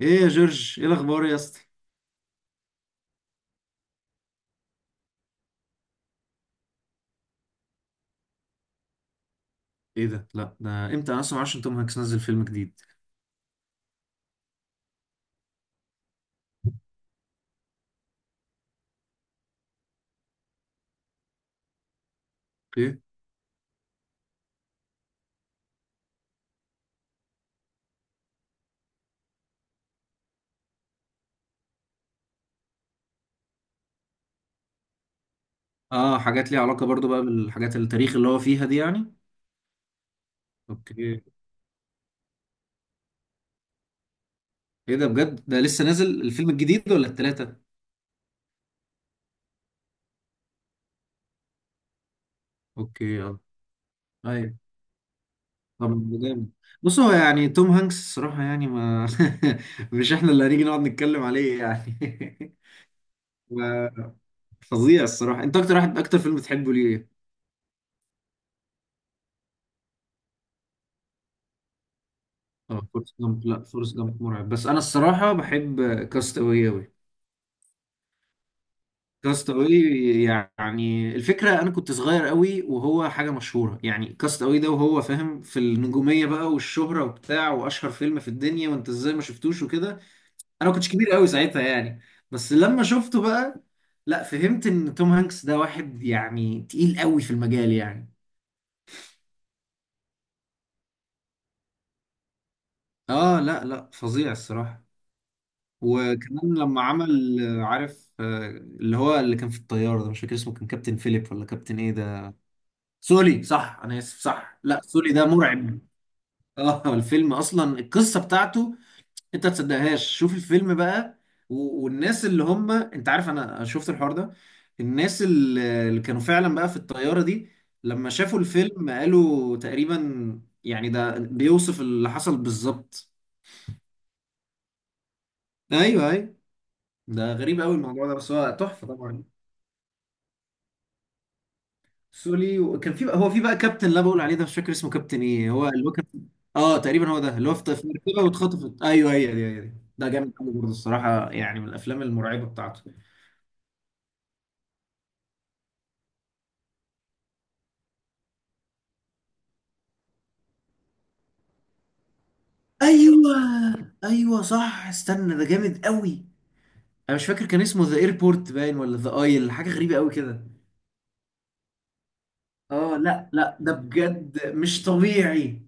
ايه يا جورج، ايه الاخبار يا اسطى؟ ايه ده؟ لا، ده امتى؟ انا اصلا معرفش ان توم هانكس نزل فيلم جديد. اوكي. اه، حاجات ليها علاقه برضو بقى بالحاجات التاريخ اللي هو فيها دي يعني. اوكي. ايه ده بجد؟ ده لسه نازل الفيلم الجديد ولا التلاته؟ اوكي. اه. ايوه. طب ده جامد. بص، هو يعني توم هانكس الصراحه يعني ما مش احنا اللي هنيجي نقعد نتكلم عليه يعني. ما- فظيع الصراحه. انت اكتر واحد، اكتر فيلم بتحبه ليه؟ اه فورست جامب. لا، فورست جامب مرعب، بس انا الصراحه بحب كاست اوي، كاست اواي. يعني الفكره انا كنت صغير قوي، وهو حاجه مشهوره يعني كاست اواي ده، وهو فاهم في النجوميه بقى والشهره وبتاع، واشهر فيلم في الدنيا وانت ازاي ما شفتوش وكده. انا ما كنتش كبير قوي ساعتها يعني، بس لما شفته بقى، لا، فهمت ان توم هانكس ده واحد يعني تقيل قوي في المجال يعني. اه لا لا، فظيع الصراحه. وكمان لما عمل عارف، اللي هو اللي كان في الطياره ده، مش فاكر اسمه، كان كابتن فيليب ولا كابتن ايه ده؟ سولي، صح، انا اسف، صح، لا سولي ده مرعب. اه، الفيلم اصلا، القصه بتاعته انت ما تصدقهاش، شوف الفيلم بقى. والناس اللي هم، انت عارف انا شفت الحوار ده، الناس اللي كانوا فعلا بقى في الطياره دي لما شافوا الفيلم قالوا تقريبا يعني ده بيوصف اللي حصل بالظبط. ايوه ايوه، ده غريب قوي الموضوع ده، بس هو تحفه طبعا. سولي، وكان في بقى، هو في بقى كابتن اللي انا بقول عليه ده، مش فاكر اسمه كابتن ايه، هو اللي هو كان. اه تقريبا هو ده، اللي هو في مركبه واتخطفت، ايوه هي دي هي دي. ده جامد قوي برضه الصراحه، يعني من الافلام المرعبه بتاعته. ايوه ايوه صح، استنى، ده جامد قوي. انا مش فاكر، كان اسمه ذا ايربورت باين، ولا ذا ايل، حاجه غريبه قوي كده. اه لا لا، ده بجد مش طبيعي.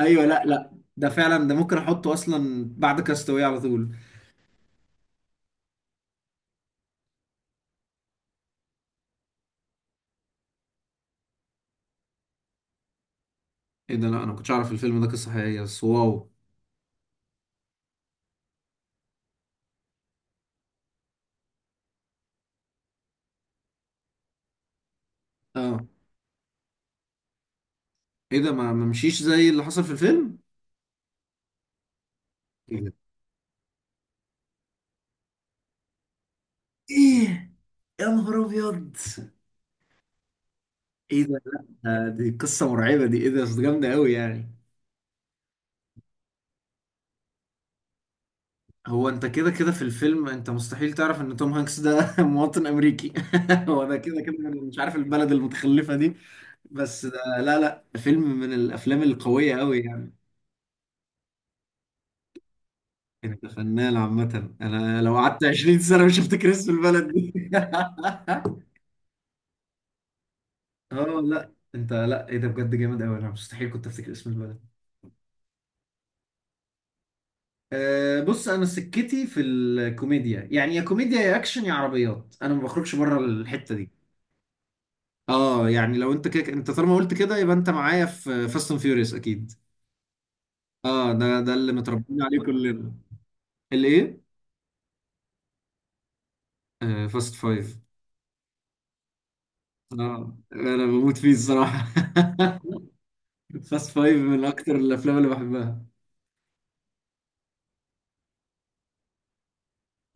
ايوه لا لا، ده فعلا ده ممكن احطه اصلا بعد كاستاوي على طول. ايه ده؟ لا، انا ما كنتش اعرف الفيلم ده قصه حقيقيه، بس واو. اه، ايه ده؟ ما مشيش زي اللي حصل في الفيلم؟ ايه ده؟ إيه؟ يا نهار ابيض. ايه ده لا، دي قصه مرعبه دي، ايه ده؟ بس جامده قوي يعني. هو انت كده كده في الفيلم انت مستحيل تعرف ان توم هانكس ده مواطن امريكي. هو ده كده كده مش عارف البلد المتخلفه دي. بس ده لا لا، فيلم من الافلام القويه قوي يعني. انت فنان عامه، انا لو قعدت 20 سنه مش هفتكر اسم البلد دي. اه لا، انت لا، ايه ده بجد، جامد قوي، انا مستحيل كنت افتكر اسم البلد. أه بص، انا سكتي في الكوميديا يعني، يا كوميديا يا اكشن يا عربيات، انا ما بخرجش بره الحته دي. اه يعني لو انت كده، انت طالما قلت كده يبقى انت معايا في فاست اند فيوريوس اكيد. اه، ده اللي متربيين عليه كلنا. الايه؟ فاست فايف. اه انا بموت فيه الصراحه. فاست فايف من اكتر الافلام اللي بحبها.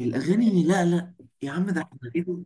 الاغاني؟ لا لا. يا عم ده احنا، ايه ده؟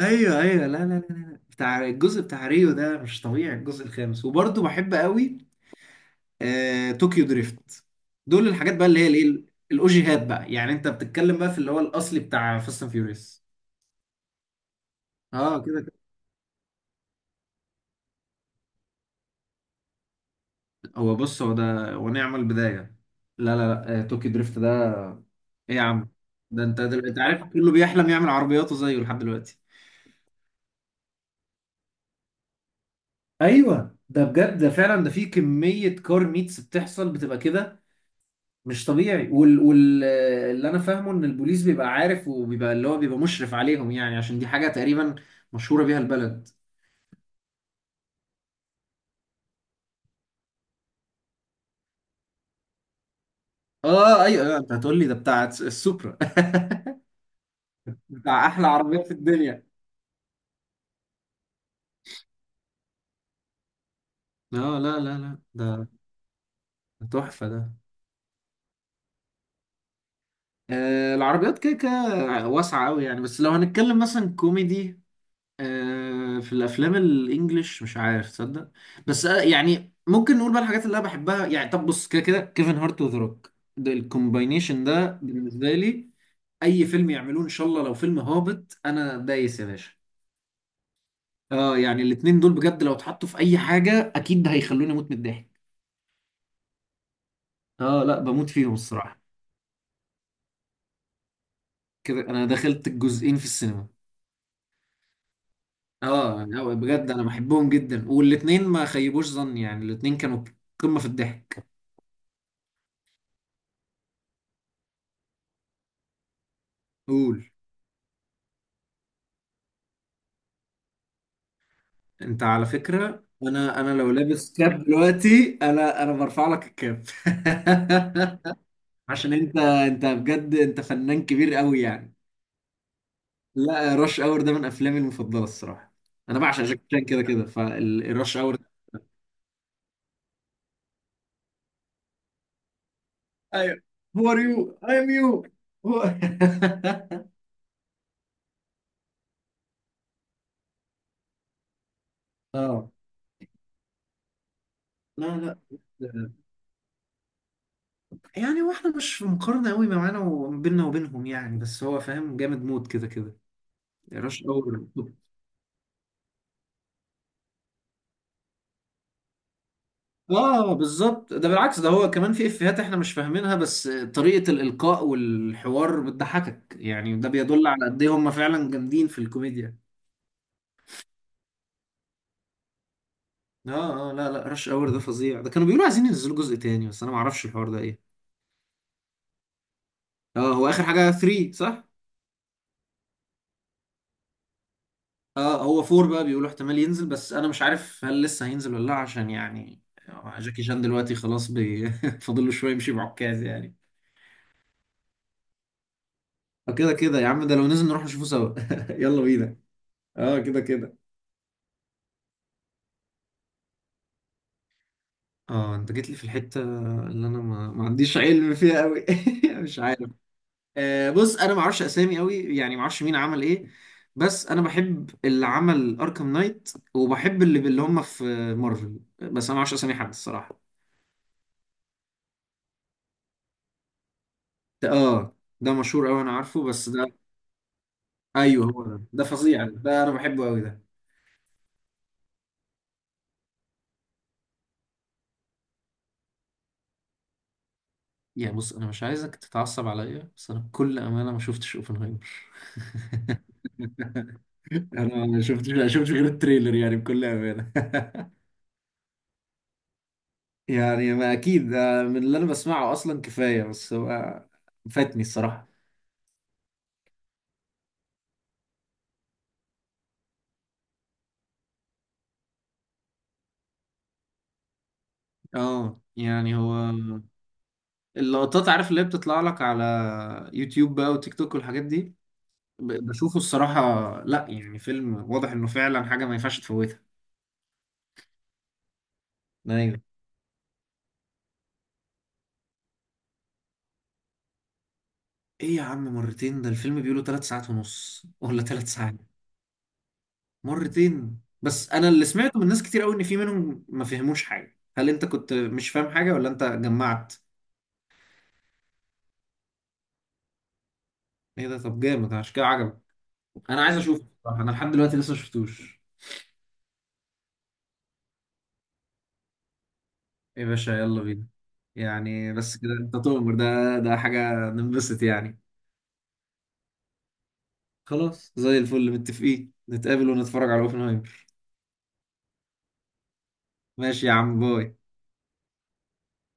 ايوه ايوه، لا لا لا لا لا. بتاع الجزء بتاع ريو ده مش طبيعي، الجزء الخامس. وبرضه بحب قوي طوكيو دريفت، دول الحاجات بقى اللي هي الايه، الاوجيهات بقى، يعني انت بتتكلم بقى في اللي هو الاصلي بتاع فاست اند فيوريوس. اه كده كده. هو بص، هو ده، ونعم البدايه. لا لا لا، طوكيو دريفت ده، ايه يا عم! ده انت انت عارف كله بيحلم يعمل عربياته زيه لحد دلوقتي. ايوه ده بجد، ده فعلا، ده في كميه كار ميتس بتحصل بتبقى كده، مش طبيعي. وال وال اللي انا فاهمه ان البوليس بيبقى عارف، وبيبقى اللي هو بيبقى مشرف عليهم يعني، عشان دي حاجه تقريبا مشهوره بيها البلد. اه ايوه أيوة، انت هتقول لي ده بتاع السوبرا. بتاع احلى عربيات في الدنيا. لا لا لا لا، ده تحفة ده. العربيات كده كده واسعة قوي يعني، بس لو هنتكلم مثلا كوميدي، في الافلام الانجليش مش عارف تصدق، بس يعني ممكن نقول بقى الحاجات اللي انا بحبها يعني. طب بص، كده كده كيفن هارت وذا روك ده، الكومباينيشن ده بالنسبة لي اي فيلم يعملوه ان شاء الله، لو فيلم هابط انا دايس يا باشا. اه يعني الاتنين دول بجد لو اتحطوا في اي حاجة اكيد هيخلوني اموت من الضحك. اه لا، بموت فيهم الصراحة. كده انا دخلت الجزئين في السينما. اه لا بجد، انا بحبهم جدا، والاتنين ما خيبوش ظني يعني، الاتنين كانوا قمة في الضحك. قول. انت على فكرة، انا لو لابس كاب دلوقتي، انا برفع لك الكاب. عشان انت بجد انت فنان كبير قوي يعني. لا، رش اور ده من افلامي المفضلة الصراحة. انا بعشق جاكي شان كده كده فالرش اور. ايوه، هو ار يو اي ام يو. هو اه لا لا، يعني هو احنا مش في مقارنة قوي، ما معانا وبيننا وبينهم يعني، بس هو فاهم جامد موت كده كده. رش اور. اه بالظبط، ده بالعكس، ده هو كمان في افيهات احنا مش فاهمينها، بس طريقة الإلقاء والحوار بتضحكك يعني، ده بيدل على قد ايه هم فعلا جامدين في الكوميديا. اه اه لا لا، رش اور ده فظيع، ده كانوا بيقولوا عايزين ينزلوا جزء تاني، بس انا ما اعرفش الحوار ده ايه. اه هو اخر حاجة 3، صح؟ اه هو فور بقى بيقولوا احتمال ينزل، بس انا مش عارف هل لسه هينزل ولا لا، عشان يعني جاكي شان دلوقتي خلاص بي... فاضل له شويه يمشي بعكاز يعني. فكده كده يا عم، ده لو نزل نروح نشوفه سوا. يلا بينا. اه كده كده. اه انت جيت لي في الحته اللي انا ما عنديش علم فيها قوي. مش عارف. بص انا ما اعرفش اسامي قوي يعني، ما اعرفش مين عمل ايه، بس انا بحب اللي عمل اركام نايت، وبحب اللي هم في مارفل، بس انا ما اعرفش اسامي حد الصراحه. اه، ده مشهور قوي، انا عارفه بس. ايوه هو ده فظيع، ده انا بحبه قوي ده. يعني بص، انا مش عايزك تتعصب عليا، بس انا بكل امانه ما شفتش اوبنهايمر. انا ما شفتش غير التريلر يعني بكل امانه. يعني ما اكيد ده من اللي انا بسمعه اصلا كفايه، بس هو فاتني الصراحه. اه يعني هو، اللقطات عارف اللي هي بتطلع لك على يوتيوب بقى وتيك توك والحاجات دي، بشوفه الصراحه. لا يعني فيلم واضح انه فعلا حاجه ما ينفعش تفوتها. ايوه. ايه يا عم، مرتين؟ ده الفيلم بيقولوا ثلاث ساعات ونص ولا ثلاث ساعات! مرتين؟ بس انا اللي سمعته من ناس كتير قوي ان في منهم ما فهموش حاجه، هل انت كنت مش فاهم حاجه ولا انت جمعت؟ ايه ده؟ طب جامد عشان كده عجبك. انا عايز اشوفه بصراحه، انا لحد دلوقتي لسه ما شفتوش. ايه يا باشا، يلا بينا. يعني بس كده، انت تؤمر، ده ده حاجه ننبسط يعني. خلاص زي الفل، متفقين نتقابل ونتفرج على اوبنهايمر. ماشي يا عم، باي.